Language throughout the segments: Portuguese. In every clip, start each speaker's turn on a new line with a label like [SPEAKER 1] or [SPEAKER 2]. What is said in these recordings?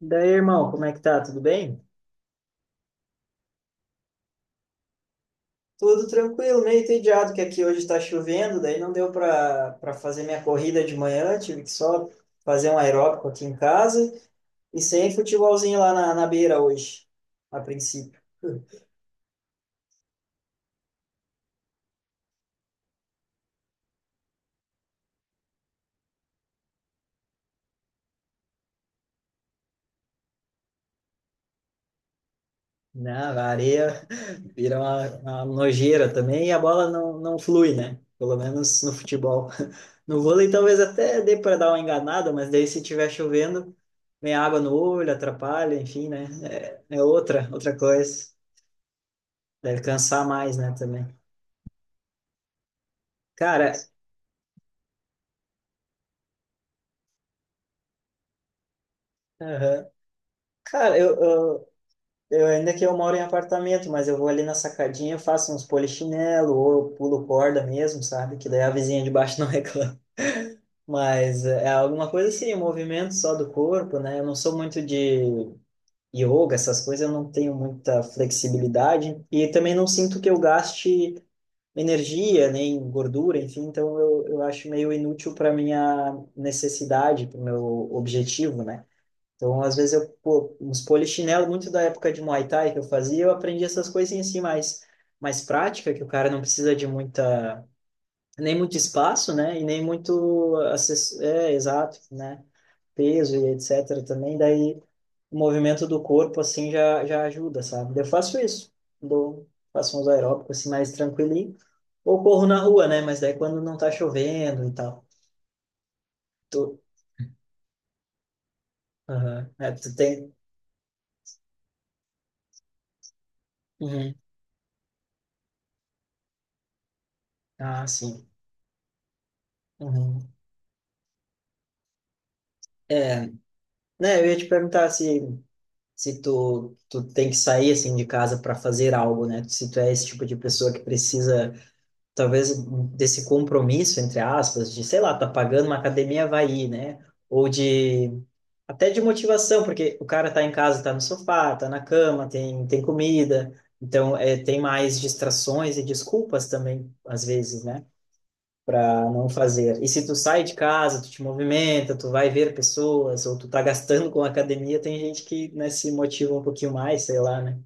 [SPEAKER 1] Daí, irmão, como é que tá? Tudo bem? Tudo tranquilo, meio entediado que aqui hoje está chovendo, daí não deu para fazer minha corrida de manhã, tive que só fazer um aeróbico aqui em casa e sem futebolzinho lá na beira hoje, a princípio. Na areia vira uma nojeira também e a bola não flui, né? Pelo menos no futebol. No vôlei talvez até dê para dar uma enganada, mas daí se tiver chovendo, vem água no olho, atrapalha, enfim, né? É outra, outra coisa. Deve cansar mais, né, também. Cara, aham. Cara, eu ainda que eu moro em apartamento, mas eu vou ali na sacadinha, faço uns polichinelo ou eu pulo corda mesmo, sabe? Que daí a vizinha de baixo não reclama. Mas é alguma coisa assim, um movimento só do corpo, né? Eu não sou muito de yoga, essas coisas, eu não tenho muita flexibilidade e também não sinto que eu gaste energia, nem gordura, enfim, então eu acho meio inútil para minha necessidade, para o meu objetivo, né? Então, às vezes, eu, pô, uns polichinelo, muito da época de Muay Thai que eu fazia, eu aprendi essas coisinhas assim mais, mais prática, que o cara não precisa de muita, nem muito espaço, né? E nem muito, é, exato, né? Peso e etc. também, daí o movimento do corpo, assim, já ajuda, sabe? Eu faço isso, dou, faço uns aeróbicos, assim, mais tranquilinho, ou corro na rua, né? Mas daí quando não tá chovendo e tal. Tu, aham. É, tu tem... Uhum. Ah, sim. Uhum. é, Né, eu ia te perguntar se, se tu tem que sair assim de casa para fazer algo, né? Se tu é esse tipo de pessoa que precisa, talvez, desse compromisso, entre aspas, de, sei lá, tá pagando uma academia, vai ir, né? Ou de, até de motivação, porque o cara tá em casa, tá no sofá, tá na cama, tem comida, então é, tem mais distrações e desculpas também, às vezes, né? Para não fazer. E se tu sai de casa, tu te movimenta, tu vai ver pessoas, ou tu tá gastando com a academia, tem gente que, né, se motiva um pouquinho mais, sei lá, né?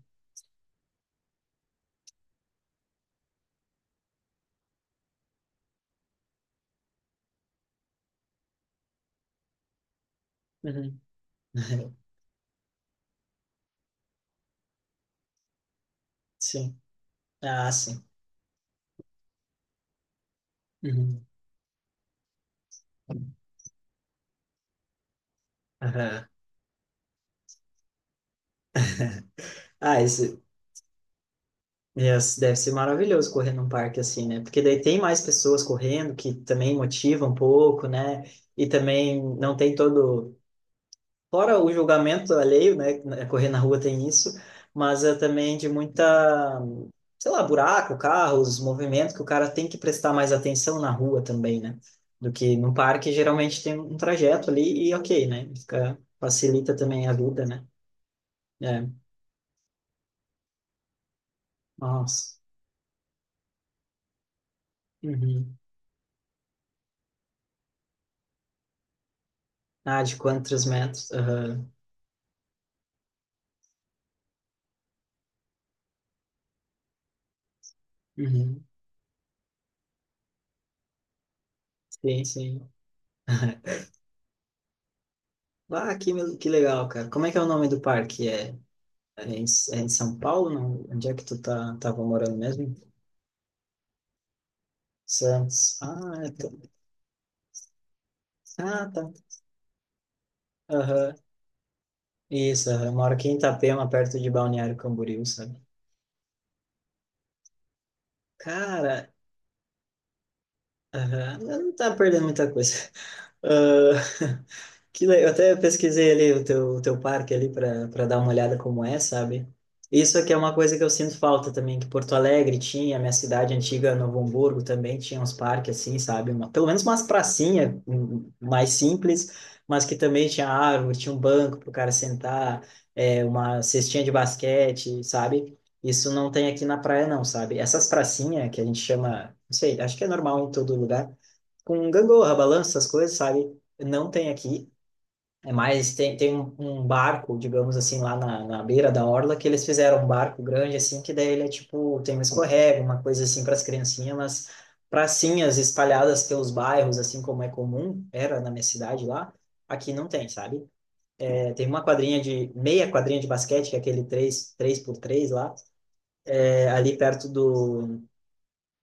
[SPEAKER 1] Uhum. Sim. Ah, sim. Uhum. Aham. Ah, esse deve ser maravilhoso correr num parque assim, né? Porque daí tem mais pessoas correndo que também motivam um pouco, né? E também não tem todo fora o julgamento alheio, né? Correr na rua tem isso, mas é também de muita, sei lá, buraco, carros, movimentos que o cara tem que prestar mais atenção na rua também, né? Do que no parque, geralmente tem um trajeto ali e ok, né? Fica, facilita também a vida, né? É, nossa. Uhum. Ah, de quantos metros? Aham. Uhum. Sim, sim. Ah, que legal, cara. Como é que é o nome do parque? É, em, é em São Paulo? Não? Onde é que tava morando mesmo? Santos. Ah, tá. Aham. Isso, aham. Eu moro aqui em Itapema, perto de Balneário Camboriú, sabe? Cara, aham, eu não tá perdendo muita coisa. Ah, eu até pesquisei ali o o teu parque ali para dar uma olhada como é, sabe? Isso aqui é uma coisa que eu sinto falta também, que Porto Alegre tinha, minha cidade antiga, Novo Hamburgo também tinha uns parques assim, sabe? Uma, pelo menos umas pracinhas mais simples, mas que também tinha árvore, tinha um banco para o cara sentar, é, uma cestinha de basquete, sabe? Isso não tem aqui na praia, não, sabe? Essas pracinhas que a gente chama, não sei, acho que é normal em todo lugar, com gangorra, balanço, essas coisas, sabe? Não tem aqui. É mais, tem um, um barco, digamos assim, lá na beira da orla, que eles fizeram um barco grande, assim, que daí ele é tipo, tem um escorrega, uma coisa assim para as criancinhas, mas pracinhas espalhadas pelos bairros, assim como é comum, era na minha cidade lá, aqui não tem, sabe? É, tem uma quadrinha de, meia quadrinha de basquete, que é aquele três por três lá é ali perto do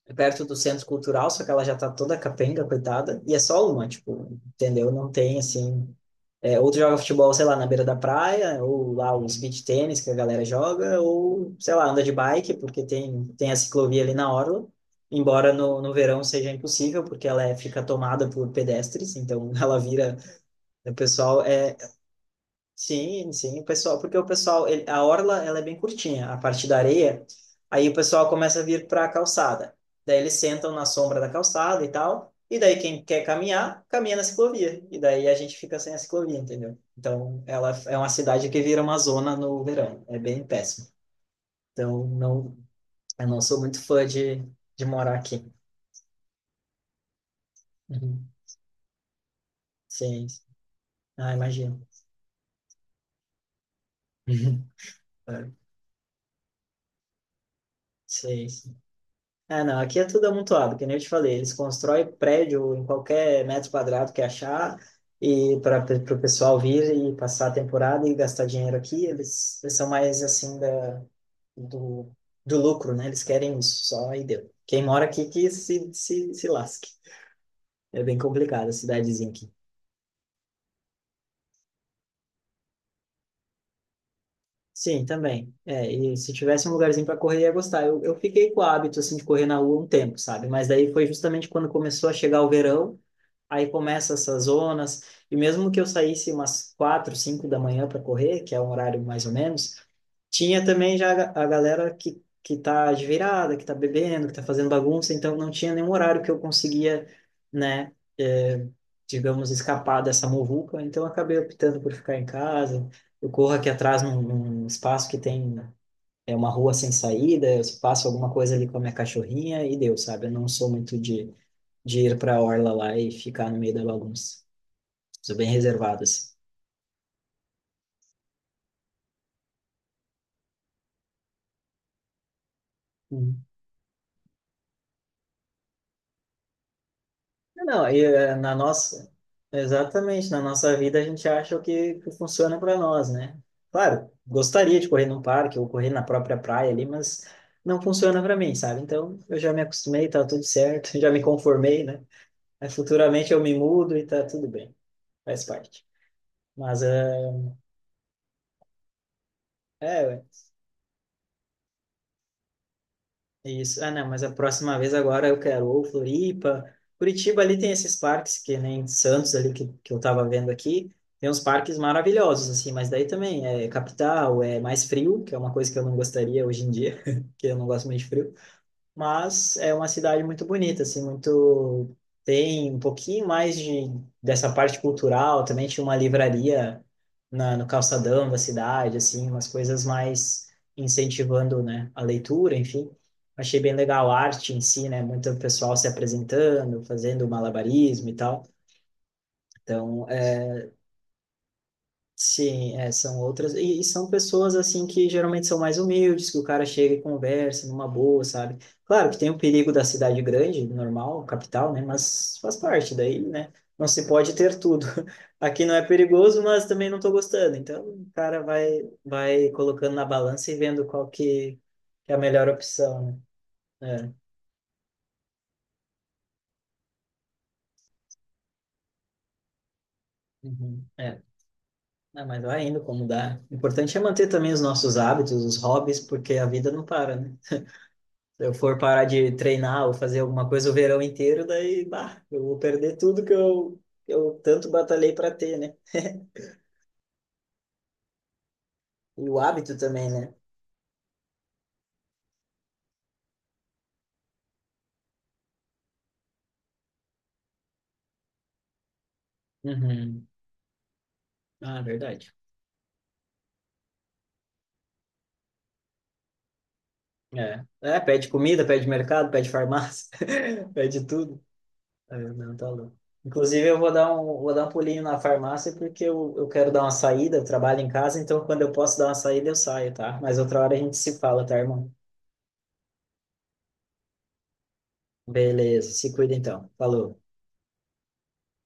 [SPEAKER 1] é perto do centro cultural, só que ela já tá toda capenga, coitada, e é só uma, tipo, entendeu? Não tem assim, é, ou tu joga futebol, sei lá, na beira da praia, ou lá os beach tênis que a galera joga, ou sei lá, anda de bike, porque tem a ciclovia ali na orla. Embora no verão seja impossível, porque ela é, fica tomada por pedestres, então ela vira. O pessoal é, sim, sim, o pessoal, porque o pessoal, ele- a orla, ela é bem curtinha, a parte da areia, aí o pessoal começa a vir para a calçada. Daí eles sentam na sombra da calçada e tal, e daí quem quer caminhar, caminha na ciclovia, e daí a gente fica sem a ciclovia, entendeu? Então, ela é uma cidade que vira uma zona no verão, é bem péssimo. Então, não, eu não sou muito fã de morar aqui. Uhum. Sim, ah, imagino. É, sim. É, não, aqui é tudo amontoado, que nem eu te falei, eles constroem prédio em qualquer metro quadrado que achar, e para o pessoal vir e passar a temporada e gastar dinheiro aqui, eles são mais assim do do lucro, né? Eles querem isso, só e deu. Quem mora aqui que se lasque. É bem complicado a cidadezinha aqui. Sim, também. É, e se tivesse um lugarzinho para correr, ia gostar. Eu fiquei com o hábito assim de correr na rua um tempo, sabe? Mas daí foi justamente quando começou a chegar o verão. Aí começa essas zonas, e mesmo que eu saísse umas quatro, cinco da manhã para correr, que é um horário mais ou menos, tinha também já a galera que tá de virada, que tá bebendo, que tá fazendo bagunça, então não tinha nenhum horário que eu conseguia, né, eh, digamos, escapar dessa muvuca, então eu acabei optando por ficar em casa. Eu corro aqui atrás num espaço que tem é uma rua sem saída, eu faço alguma coisa ali com a minha cachorrinha e deu, sabe? Eu não sou muito de ir para a orla lá e ficar no meio da bagunça. Sou bem reservado, assim. Uhum. Não, e exatamente, na nossa vida a gente acha que funciona para nós, né? Claro, gostaria de correr num parque ou correr na própria praia ali, mas não funciona para mim, sabe? Então, eu já me acostumei, tá tudo certo, já me conformei, né? Aí futuramente eu me mudo e tá tudo bem, faz parte. Mas é, isso. Ah, não, mas a próxima vez agora eu quero ou Floripa. Curitiba ali tem esses parques, que nem Santos ali que eu tava vendo aqui. Tem uns parques maravilhosos, assim, mas daí também é capital, é mais frio, que é uma coisa que eu não gostaria hoje em dia, que eu não gosto muito de frio mas é uma cidade muito bonita, assim, muito tem um pouquinho mais de dessa parte cultural, também tinha uma livraria no calçadão da cidade, assim, umas coisas mais incentivando, né, a leitura, enfim. Achei bem legal a arte em si, né, muito pessoal se apresentando, fazendo malabarismo e tal. Então, sim, é, são outras. E são pessoas, assim, que geralmente são mais humildes, que o cara chega e conversa numa boa, sabe? Claro que tem o perigo da cidade grande, normal, capital, né? Mas faz parte daí, né? Não se pode ter tudo. Aqui não é perigoso, mas também não tô gostando. Então, o cara vai, vai colocando na balança e vendo qual que é a melhor opção, né? É. Uhum. É. Ah, mas vai indo como dá. O importante é manter também os nossos hábitos, os hobbies, porque a vida não para, né? Se eu for parar de treinar ou fazer alguma coisa o verão inteiro, daí, bah, eu vou perder tudo que que eu tanto batalhei para ter, né? E o hábito também, né? Uhum. Ah, verdade. É. É, pede comida, pede mercado, pede farmácia, pede tudo. É, não, tá louco. Inclusive, eu vou dar um pulinho na farmácia porque eu quero dar uma saída, eu trabalho em casa, então quando eu posso dar uma saída, eu saio, tá? Mas outra hora a gente se fala, tá, irmão? Beleza, se cuida então. Falou.